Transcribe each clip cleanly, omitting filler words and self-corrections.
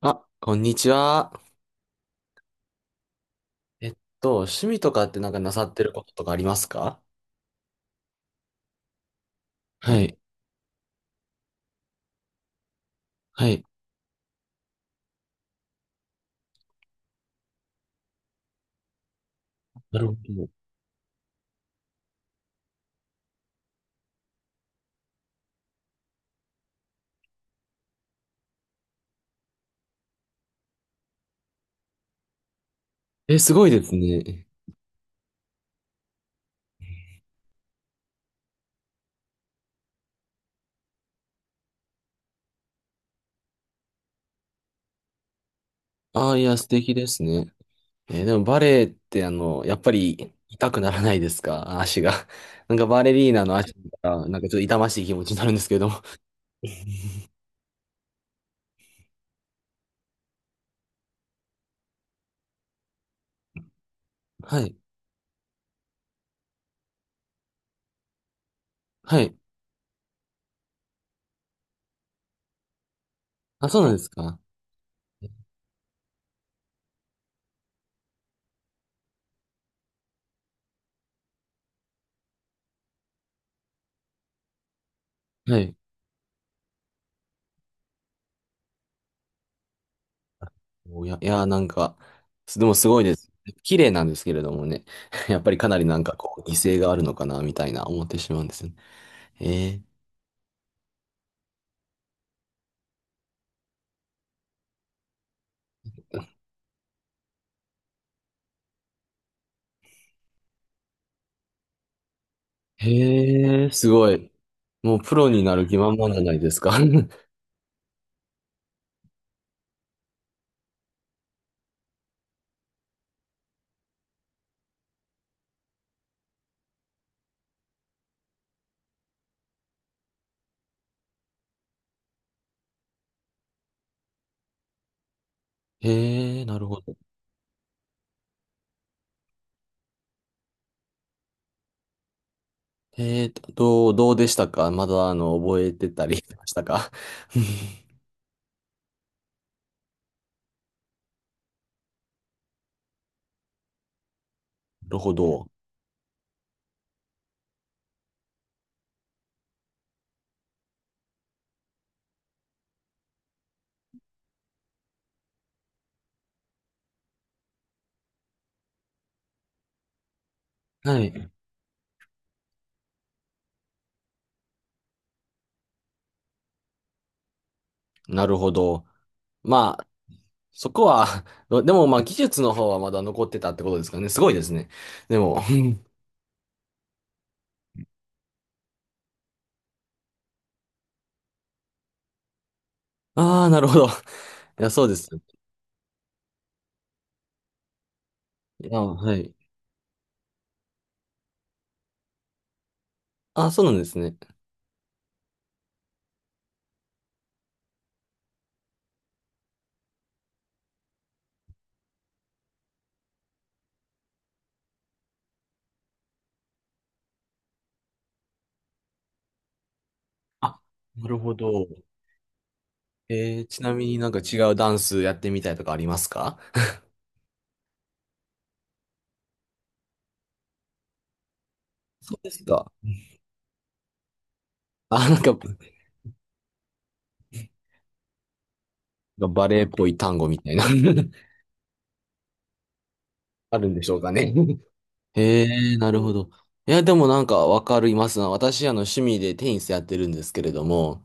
あ、こんにちは。えっ趣味とかってなんかなさってることとかありますか？はい。はい。なるほど。え、すごいですね。ああ、いや、素敵ですね。でもバレエってやっぱり痛くならないですか、足が。なんかバレリーナの足が、なんかちょっと痛ましい気持ちになるんですけど。はい。はい。あ、そうなんですか？はい。おいや、いや、なんか、でもすごいですね。綺麗なんですけれどもね。やっぱりかなりなんかこう、犠牲があるのかな、みたいな思ってしまうんですよね。えーへえ、すごい。もうプロになる気満々じゃないですか。へえ、なるほど。へえーと、どうでしたか？まだ、覚えてたりしましたか？ なるほど。はい。なるほど。まあ、そこは、でもまあ、技術の方はまだ残ってたってことですかね。すごいですね。でも、ああ、なるほど。いや、そうです。いや、はい。あ、そうなんですね。あ、なるほど。ちなみになんか違うダンスやってみたいとかありますか？そうですか。あ、なんか、バレエっぽい単語みたいな あるんでしょうかね。へえ、なるほど。いや、でもなんかわかりますな。私、趣味でテニスやってるんですけれども、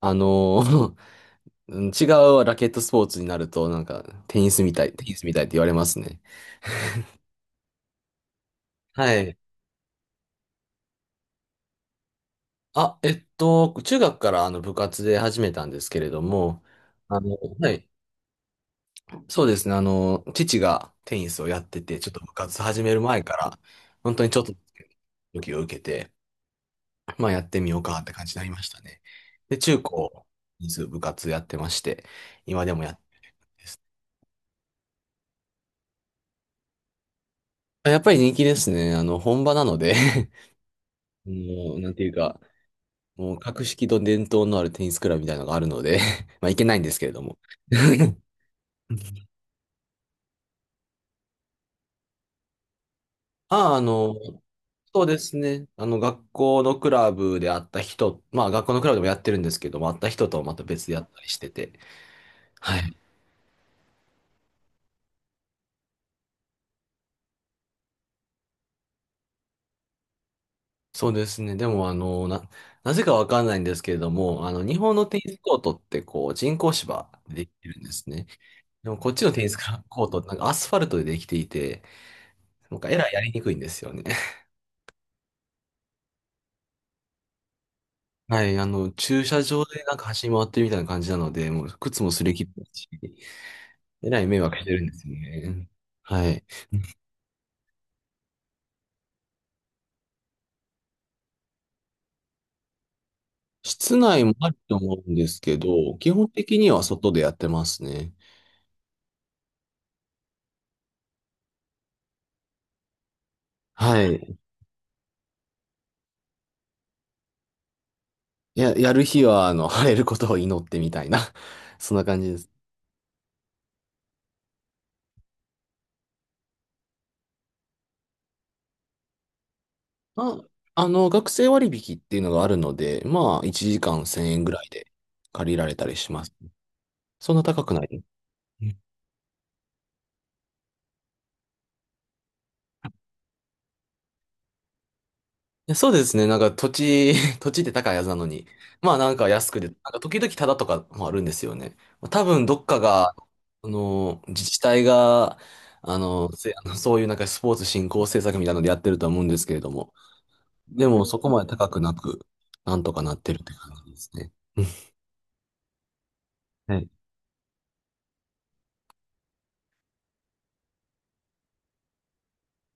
あの うん、違うラケットスポーツになると、なんか、テニスみたいって言われますね。はい。あ、中学からあの部活で始めたんですけれども、はい。そうですね。父がテニスをやってて、ちょっと部活始める前から、本当にちょっと、時を受けて、まあやってみようかって感じになりましたね。で、中高、テニス部活やってまして、今でもやってます。やっぱり人気ですね。本場なので もう、なんていうか、もう格式と伝統のあるテニスクラブみたいなのがあるので まあいけないんですけれども。ああ、そうですね。学校のクラブで会った人、まあ、学校のクラブでもやってるんですけども、会った人とはまた別でやったりしてて。はい。そうですね。でも、なぜかわかんないんですけれども、日本のテニスコートって、こう、人工芝でできてるんですね。でも、こっちのテニスコートって、なんかアスファルトでできていて、なんか、えらいやりにくいんですよね。はい。駐車場でなんか走り回ってるみたいな感じなので、もう、靴も擦り切ってるし、えらい迷惑してるんですよね。はい。室内もあると思うんですけど、基本的には外でやってますね。はい。やる日は、晴れることを祈ってみたいな、そんな感じです。まあ、学生割引っていうのがあるので、まあ、1時間1000円ぐらいで借りられたりします。そんな高くない。や、そうですね。なんか土地、土地って高いはずなのに。まあなんか安くで、なんか時々タダとかもあるんですよね。多分どっかが、自治体が、あの、せあのそういうなんかスポーツ振興政策みたいなのでやってるとは思うんですけれども。でもそこまで高くなく、なんとかなってるって感じですね。うん。はい。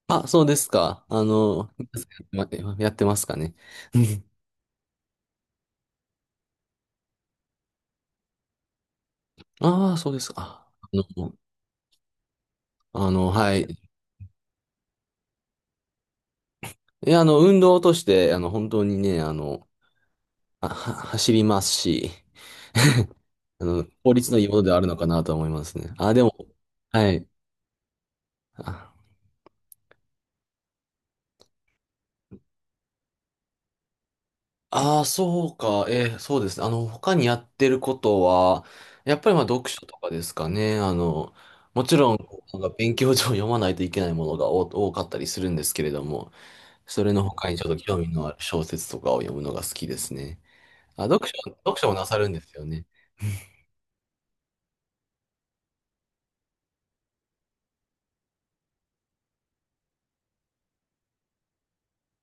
あ、そうですか。やってますかね。ああー、そうですか。はい。いや、運動として、本当にね、走りますし、法律のいいものではあるのかなと思いますね。あ、でも、はい。ああー、そうか。そうですね。他にやってることは、やっぱりまあ読書とかですかね。もちろん、なんか勉強上読まないといけないものが多かったりするんですけれども、それの他にちょっと興味のある小説とかを読むのが好きですね。あ、読書もなさるんですよね。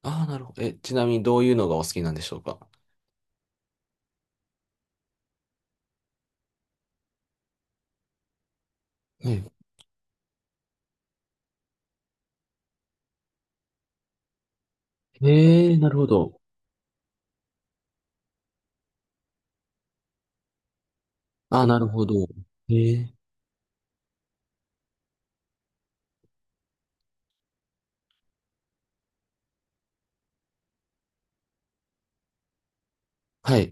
ああ、なるほど。え、ちなみにどういうのがお好きなんでしょうか？はい。なるほど。ああ、なるほど。ええ。はい。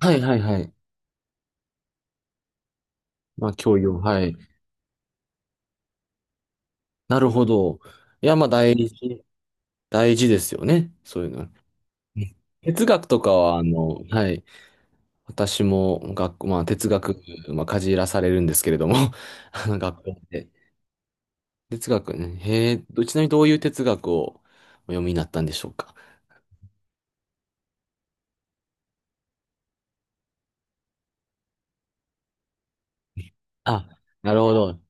はい、はい、はい。まあ、教養。はい。なるほど。いや、まあ、大事ですよね。そういうのは。うん。哲学とかは、はい。私も学校、まあ、哲学、まあ、かじらされるんですけれども、学校で。哲学ね。へえ、ちなみにどういう哲学をお読みになったんでしょうか？あ、なるほど。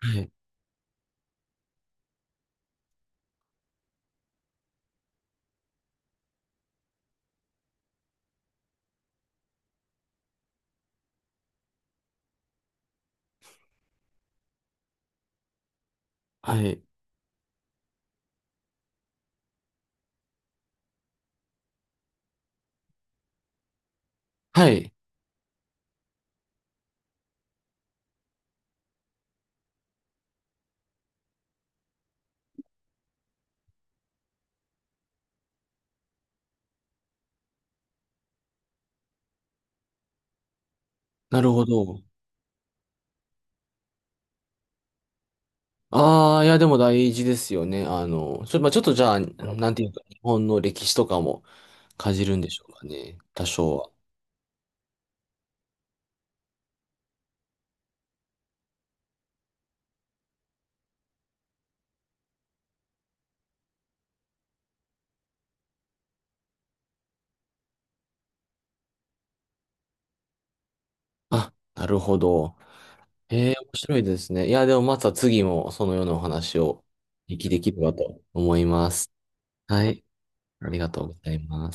はい。はい。はい。なるほど。ああ、いや、でも大事ですよね。まあ、ちょっとじゃあ、なんていうか、日本の歴史とかもかじるんでしょうかね。多少は。あ、なるほど。ええ、面白いですね。いや、でもまた次もそのようなお話をできればと思います。はい。ありがとうございます。